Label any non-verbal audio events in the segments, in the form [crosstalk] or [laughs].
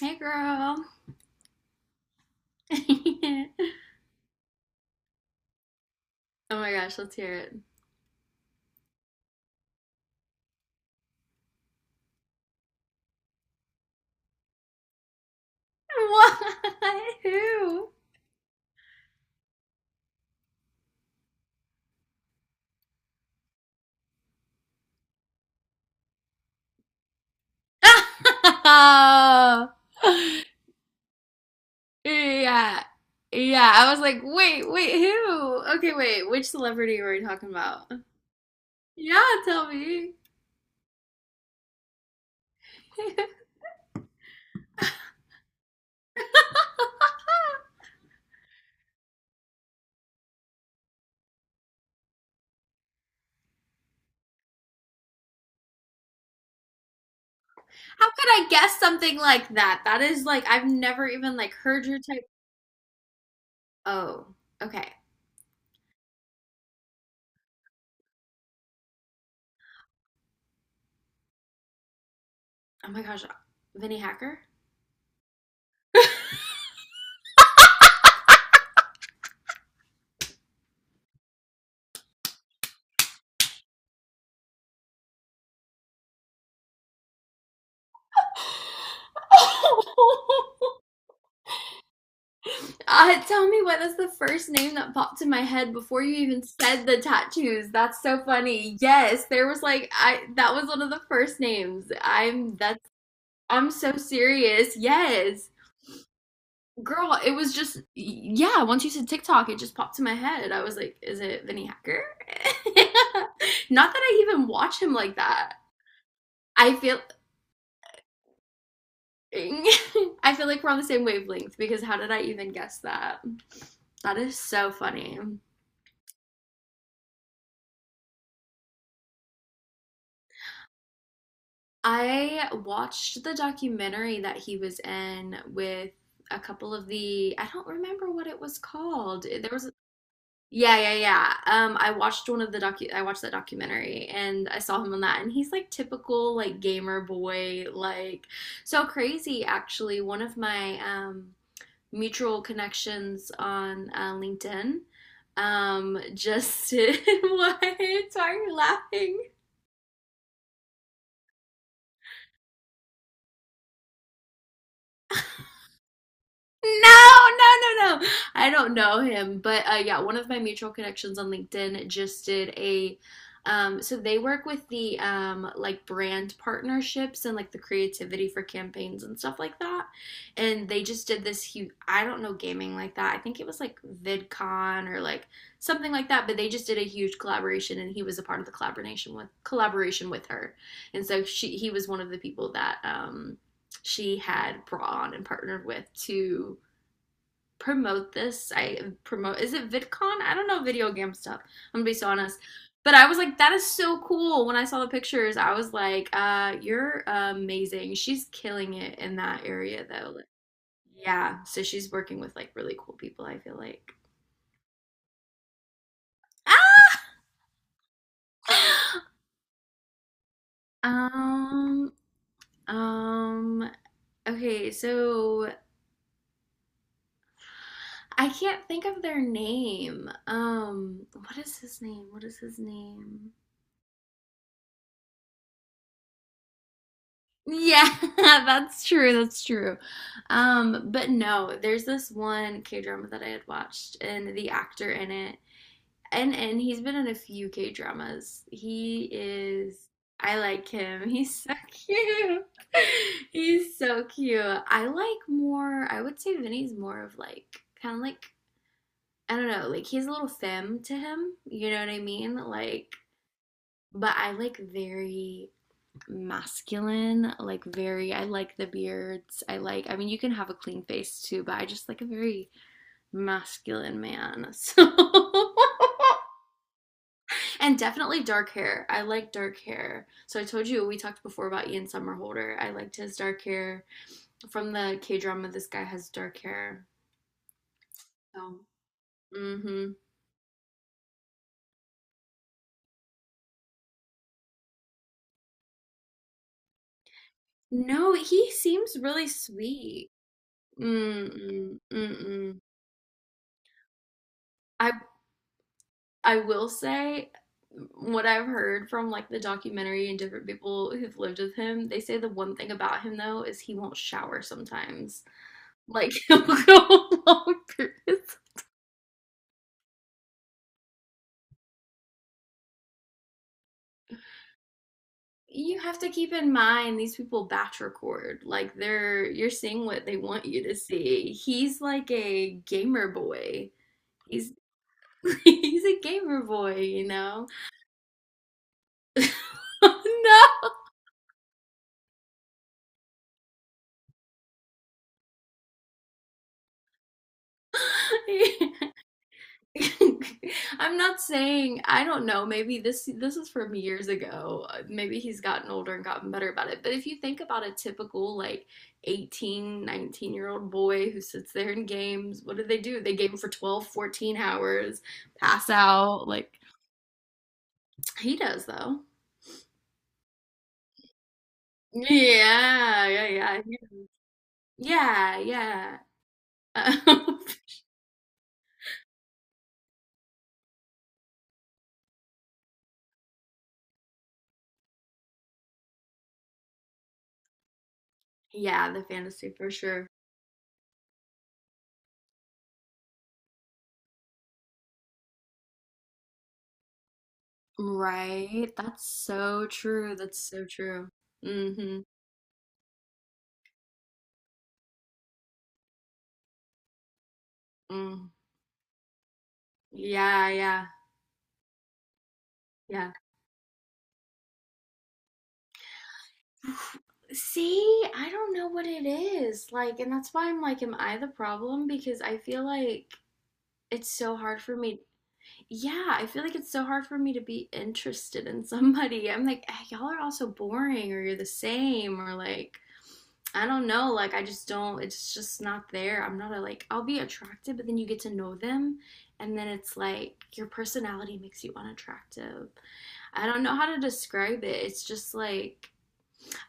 Hey, girl. [laughs] Oh my gosh, let's hear it. Why? Who? [laughs] Yeah. Yeah, I was like, wait, wait, who? Okay, wait, which celebrity were we talking about? Yeah, tell me. [laughs] How could I guess something like that? That is like, I've never even like heard your type. Oh, okay. Oh my gosh, Vinny Hacker? [laughs] Tell me what is the first name that popped in my head before you even said the tattoos. That's so funny. Yes, there was like I that was one of the first names. I'm so serious. Yes. Girl, it was just yeah, once you said TikTok, it just popped in my head. I was like, is it Vinny Hacker? [laughs] Not that I even watch him like that. I feel [laughs] I feel like we're on the same wavelength because how did I even guess that? That is so funny. I watched the documentary that he was in with a couple of the, I don't remember what it was called. There was, yeah, yeah, yeah. I watched that documentary and I saw him on that, and he's like typical like gamer boy, like so crazy actually. One of my mutual connections on LinkedIn, just [laughs] why? Why are you laughing? No, no, no, no. I don't know him, but yeah, one of my mutual connections on LinkedIn just did a so they work with the like brand partnerships and like the creativity for campaigns and stuff like that. And they just did this huge, I don't know gaming like that. I think it was like VidCon or like something like that. But they just did a huge collaboration, and he was a part of the collaboration with her. And so she he was one of the people that she had brought on and partnered with to promote this. I promote Is it VidCon? I don't know video game stuff. I'm gonna be so honest. But I was like, that is so cool. When I saw the pictures, I was like, you're amazing. She's killing it in that area though. Like, yeah. So she's working with like really cool people, I feel like. [gasps] Ah! Um, okay, so I can't think of their name. What is his name? What is his name? Yeah, [laughs] that's true. That's true. But no, there's this one K-drama that I had watched and the actor in it. And he's been in a few K-dramas. He is I like him. He's so [laughs] cute. [laughs] He's so cute. I like more, I would say Vinny's more of like kind of like I don't know, like he's a little femme to him, you know what I mean? Like but I like very masculine, like very I like the beards. I mean you can have a clean face too, but I just like a very masculine man. So [laughs] and definitely dark hair. I like dark hair. So I told you we talked before about Ian Somerhalder. I liked his dark hair. From the K drama this guy has dark hair. So mm-hmm. No, he seems really sweet. Mm-mm. Mm-mm. I I will say what I've heard from like the documentary and different people who've lived with him, they say the one thing about him though is he won't shower sometimes. Like [laughs] he'll go long periods. You have to keep in mind these people batch record. Like they're you're seeing what they want you to see. He's like a gamer boy. He's [laughs] he's a gamer boy, you know. [laughs] No. [laughs] [laughs] I'm not saying I don't know. Maybe this is from years ago. Maybe he's gotten older and gotten better about it. But if you think about a typical like 18, 19-year old boy who sits there in games, what do? They game for 12, 14 hours, pass out. Like he does though. Yeah, yeah, yeah. Yeah, yeah. Um, [laughs] yeah, the fantasy for sure. Right. That's so true. That's so true. Mm-hmm. Mm-hmm. Yeah, yeah, yeah. [sighs] See, I don't know what it is. Like, and that's why I'm like, am I the problem? Because I feel like it's so hard for me. Yeah, I feel like it's so hard for me to be interested in somebody. I'm like, "Ah, y'all are all so boring, or you're the same, or like, I don't know. Like, I just don't, it's just not there. I'm not a like, I'll be attracted, but then you get to know them, and then it's like your personality makes you unattractive. I don't know how to describe it. It's just like,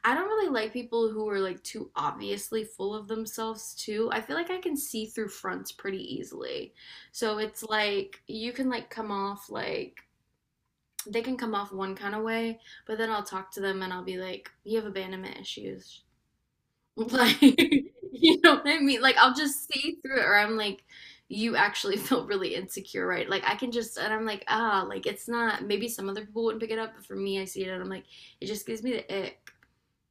I don't really like people who are like too obviously full of themselves too. I feel like I can see through fronts pretty easily. So it's like you can like come off like they can come off one kind of way, but then I'll talk to them and I'll be like, "You have abandonment issues." [laughs] Like, [laughs] you know what I mean? Like I'll just see through it or I'm like you actually [laughs] feel really insecure, right? Like I can just and I'm like, "Ah, like it's not maybe some other people wouldn't pick it up, but for me I see it and I'm like it just gives me the ick."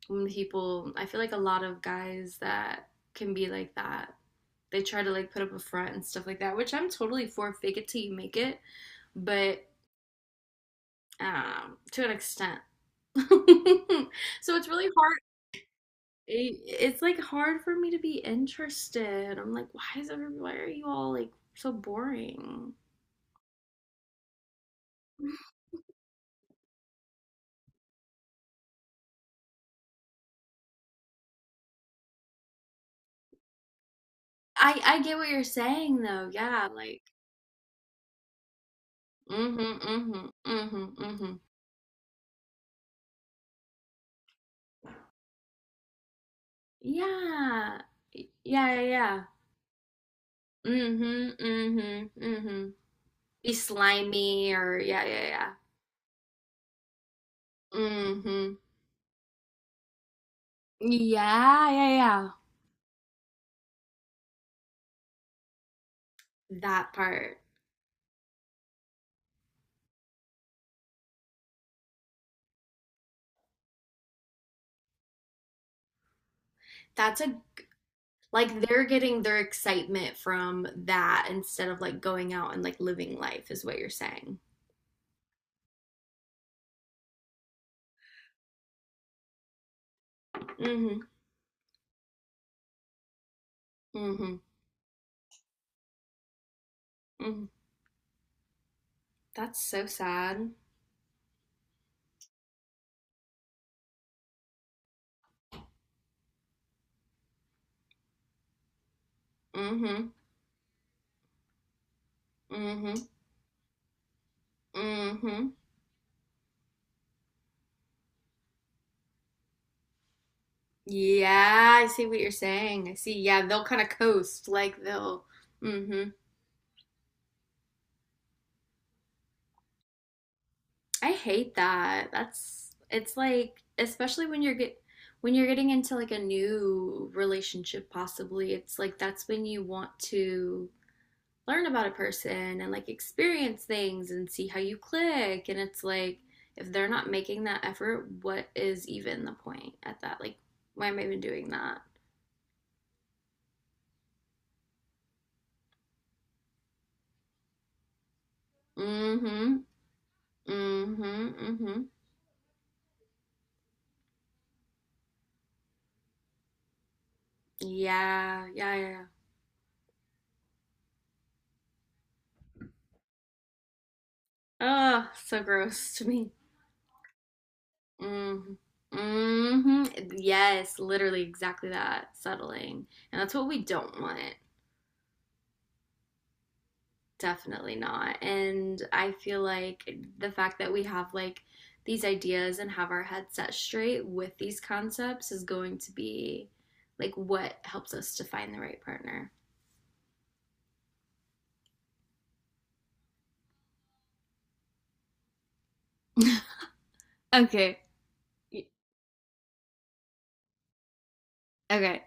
when people I feel like a lot of guys that can be like that. They try to like put up a front and stuff like that, which I'm totally for fake it till you make it, but to an extent. [laughs] So it's really hard it's like hard for me to be interested. I'm like, why is every why are you all like so boring? I get what you're saying though. Yeah, like mm-hmm, mm-hmm, mm-hmm, mm-hmm. Yeah. Yeah, yeah, yeah. Mhm, mhm, mhm. Be slimy or yeah, yeah, yeah. Mhm. Yeah, yeah, yeah. That part. That's a like they're getting their excitement from that instead of like going out and like living life is what you're saying. Mhm. Mhm. Mhm. That's so sad. Mhm. Mhm. Mhm. Yeah, I see what you're saying. I see. Yeah, they'll kind of coast like they'll Mhm. I hate that. That's it's like especially when you're get when you're getting into like a new relationship possibly. It's like that's when you want to learn about a person and like experience things and see how you click and it's like if they're not making that effort, what is even the point at that? Like why am I even doing that? Mhm. Mhm. Mhm. Yeah. Yeah, yeah. Yeah. Oh, so gross to me. Mm-hmm. Mm-hmm. Yes, literally exactly that. Settling. And that's what we don't want. Definitely not. And I feel like the fact that we have like these ideas and have our head set straight with these concepts is going to be like what helps us to find the right partner. [laughs] Okay. Okay.